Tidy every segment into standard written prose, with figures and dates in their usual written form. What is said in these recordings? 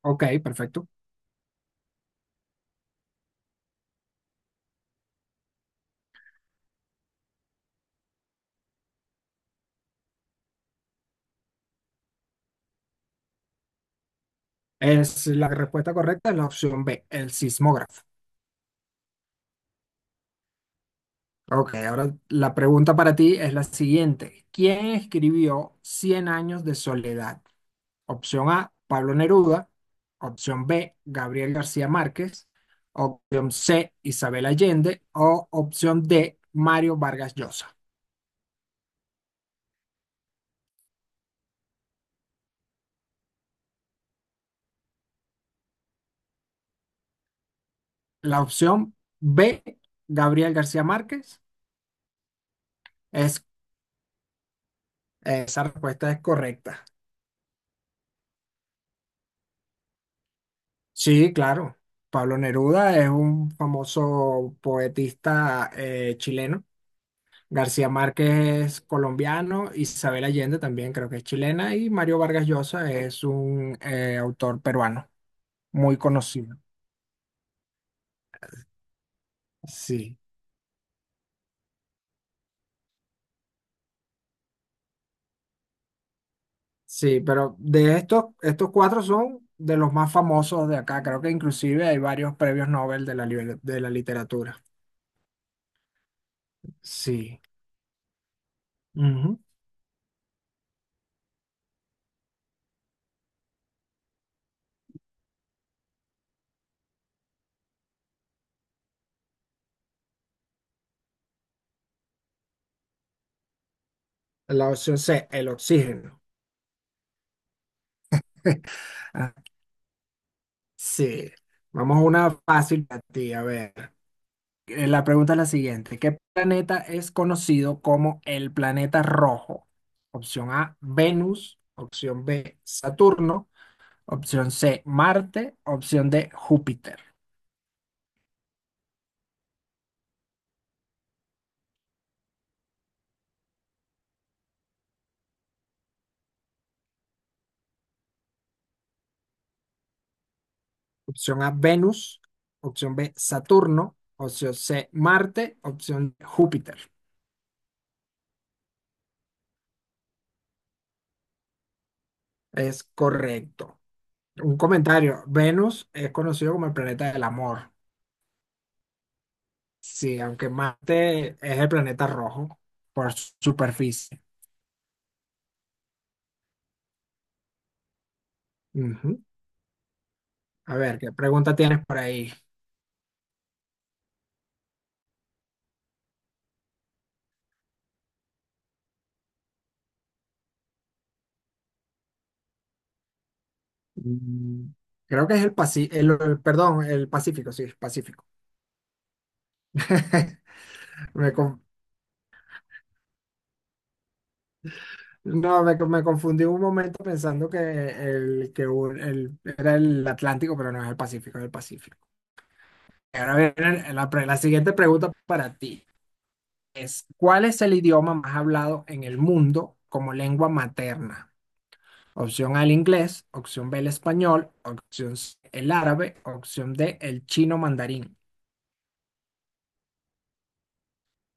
Ok, perfecto. Es la respuesta correcta es la opción B, el sismógrafo. Ok, ahora la pregunta para ti es la siguiente. ¿Quién escribió Cien años de soledad? Opción A, Pablo Neruda. Opción B, Gabriel García Márquez. Opción C, Isabel Allende. O opción D, Mario Vargas Llosa. La opción B, Gabriel García Márquez, es, esa respuesta es correcta. Sí, claro. Pablo Neruda es un famoso poetista chileno. García Márquez es colombiano, Isabel Allende también creo que es chilena y Mario Vargas Llosa es un autor peruano muy conocido. Sí, sí, pero de estos cuatro son de los más famosos de acá. Creo que inclusive hay varios premios Nobel de de la literatura. Sí. Ujú. La opción C, el oxígeno. Sí, vamos a una fácil para ti. A ver, la pregunta es la siguiente. ¿Qué planeta es conocido como el planeta rojo? Opción A, Venus. Opción B, Saturno. Opción C, Marte. Opción D, Júpiter. Opción A, Venus. Opción B, Saturno. Opción C, Marte. Opción D, Júpiter. Es correcto. Un comentario. Venus es conocido como el planeta del amor. Sí, aunque Marte es el planeta rojo por su superficie. Ujú. A ver, ¿qué pregunta tienes por ahí? Mm, creo que es el Pacífico, perdón, el Pacífico, sí, el Pacífico. Me con- no, me confundí un momento pensando que era el Atlántico, pero no es el Pacífico, es el Pacífico. Ahora viene la siguiente pregunta para ti. Es, ¿cuál es el idioma más hablado en el mundo como lengua materna? Opción A, el inglés. Opción B, el español. Opción C, el árabe. Opción D, el chino mandarín.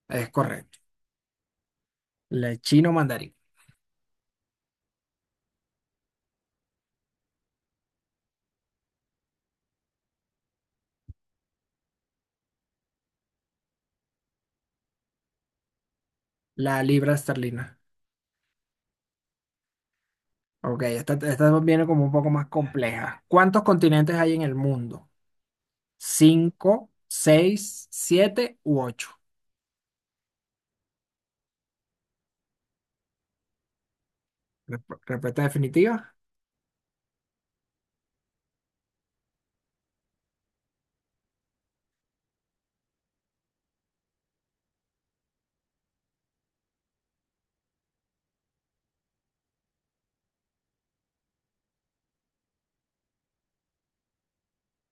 Es correcto. El chino mandarín. La libra esterlina. Ok, esta viene como un poco más compleja. ¿Cuántos continentes hay en el mundo? ¿Cinco, seis, siete u ocho? Respuesta definitiva.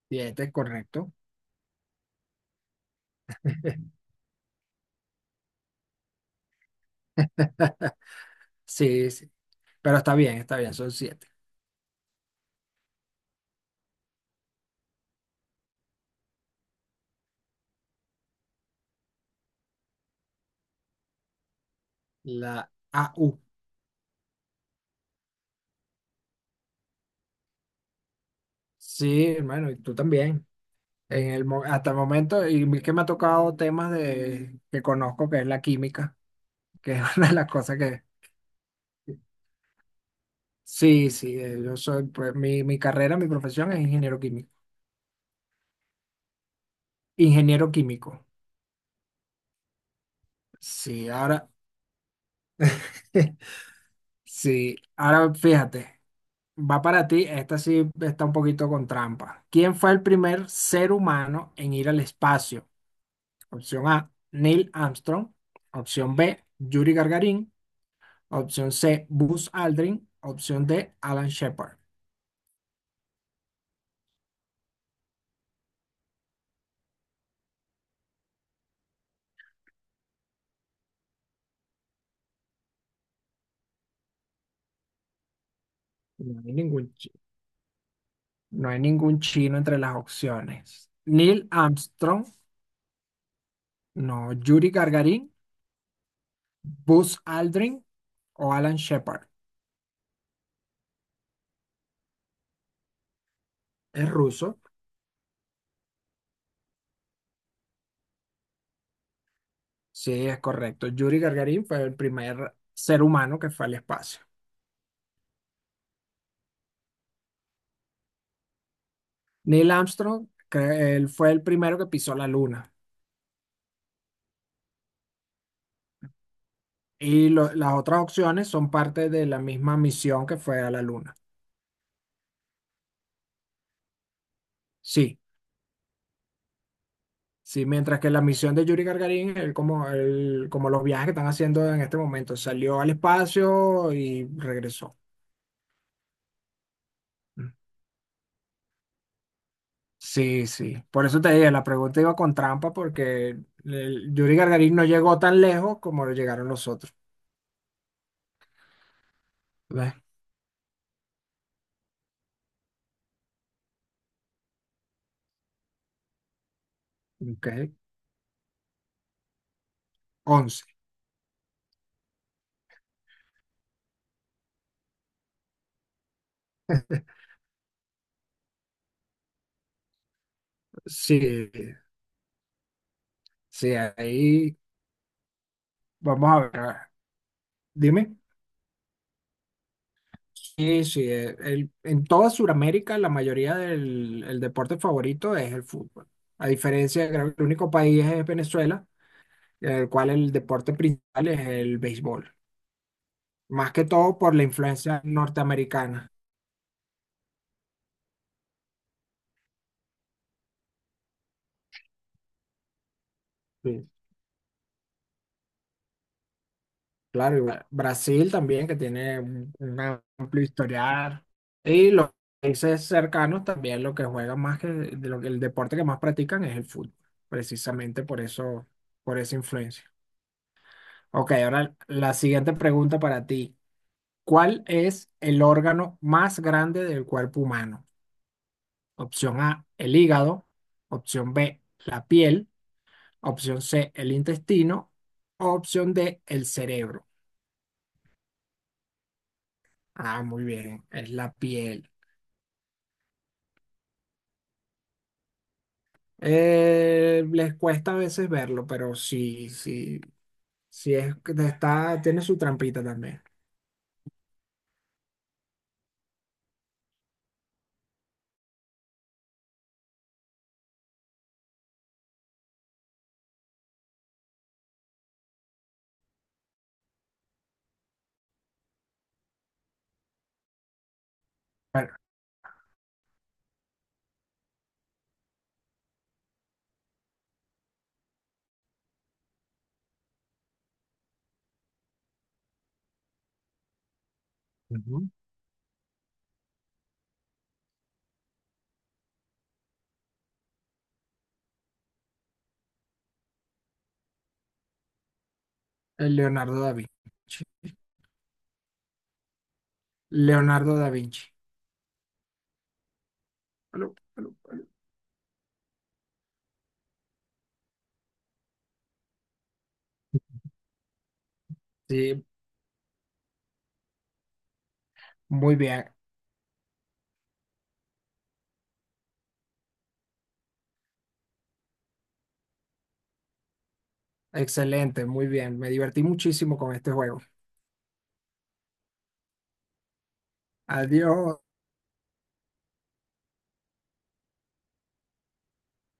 Siete, correcto. Sí, sí. Pero está bien, son siete. La a u. Sí, hermano, y tú también. En hasta el momento, y que me ha tocado temas de, que conozco, que es la química, que es una de las cosas que… Sí, sí, yo soy, pues, mi carrera, mi profesión es ingeniero químico. Ingeniero químico. Sí, ahora, sí, ahora fíjate, va para ti, esta sí está un poquito con trampa. ¿Quién fue el primer ser humano en ir al espacio? Opción A, Neil Armstrong. Opción B, Yuri Gagarin. Opción C, Buzz Aldrin. Opción D, Alan Shepard. No hay ningún chi- No hay ningún chino entre las opciones. Neil Armstrong, no. Yuri Gagarin, Buzz Aldrin o Alan Shepard. Es ruso. Sí, es correcto. Yuri Gagarin fue el primer ser humano que fue al espacio. Neil Armstrong, que él fue el primero que pisó la luna. Las otras opciones son parte de la misma misión que fue a la luna. Sí. Sí, mientras que la misión de Yuri Gagarin, él, como los viajes que están haciendo en este momento, salió al espacio y regresó. Sí, sí. Por eso te dije, la pregunta iba con trampa porque el Yuri Gagarin no llegó tan lejos como llegaron los otros. ¿Ves? Ok, 11. Sí, sí, ahí vamos a ver. Dime. Sí, sí, en toda Sudamérica la mayoría del el deporte favorito es el fútbol. A diferencia, creo que el único país es Venezuela, en el cual el deporte principal es el béisbol. Más que todo por la influencia norteamericana. Sí. Claro, y Brasil también, que tiene un amplio historial. Y los países cercanos también lo que juegan más que de lo que el deporte que más practican es el fútbol, precisamente por eso, por esa influencia. Ok, ahora la siguiente pregunta para ti. ¿Cuál es el órgano más grande del cuerpo humano? Opción A, el hígado. Opción B, la piel. Opción C, el intestino. Opción D, el cerebro. Ah, muy bien, es la piel. Les cuesta a veces verlo, pero sí, sí, sí es que te está, tiene su trampita también. Bueno, ujú, el Leonardo da Vinci. Leonardo da Vinci. Aló, aló, aló. Sí, muy bien, excelente, muy bien. Me divertí muchísimo con este juego. Adiós.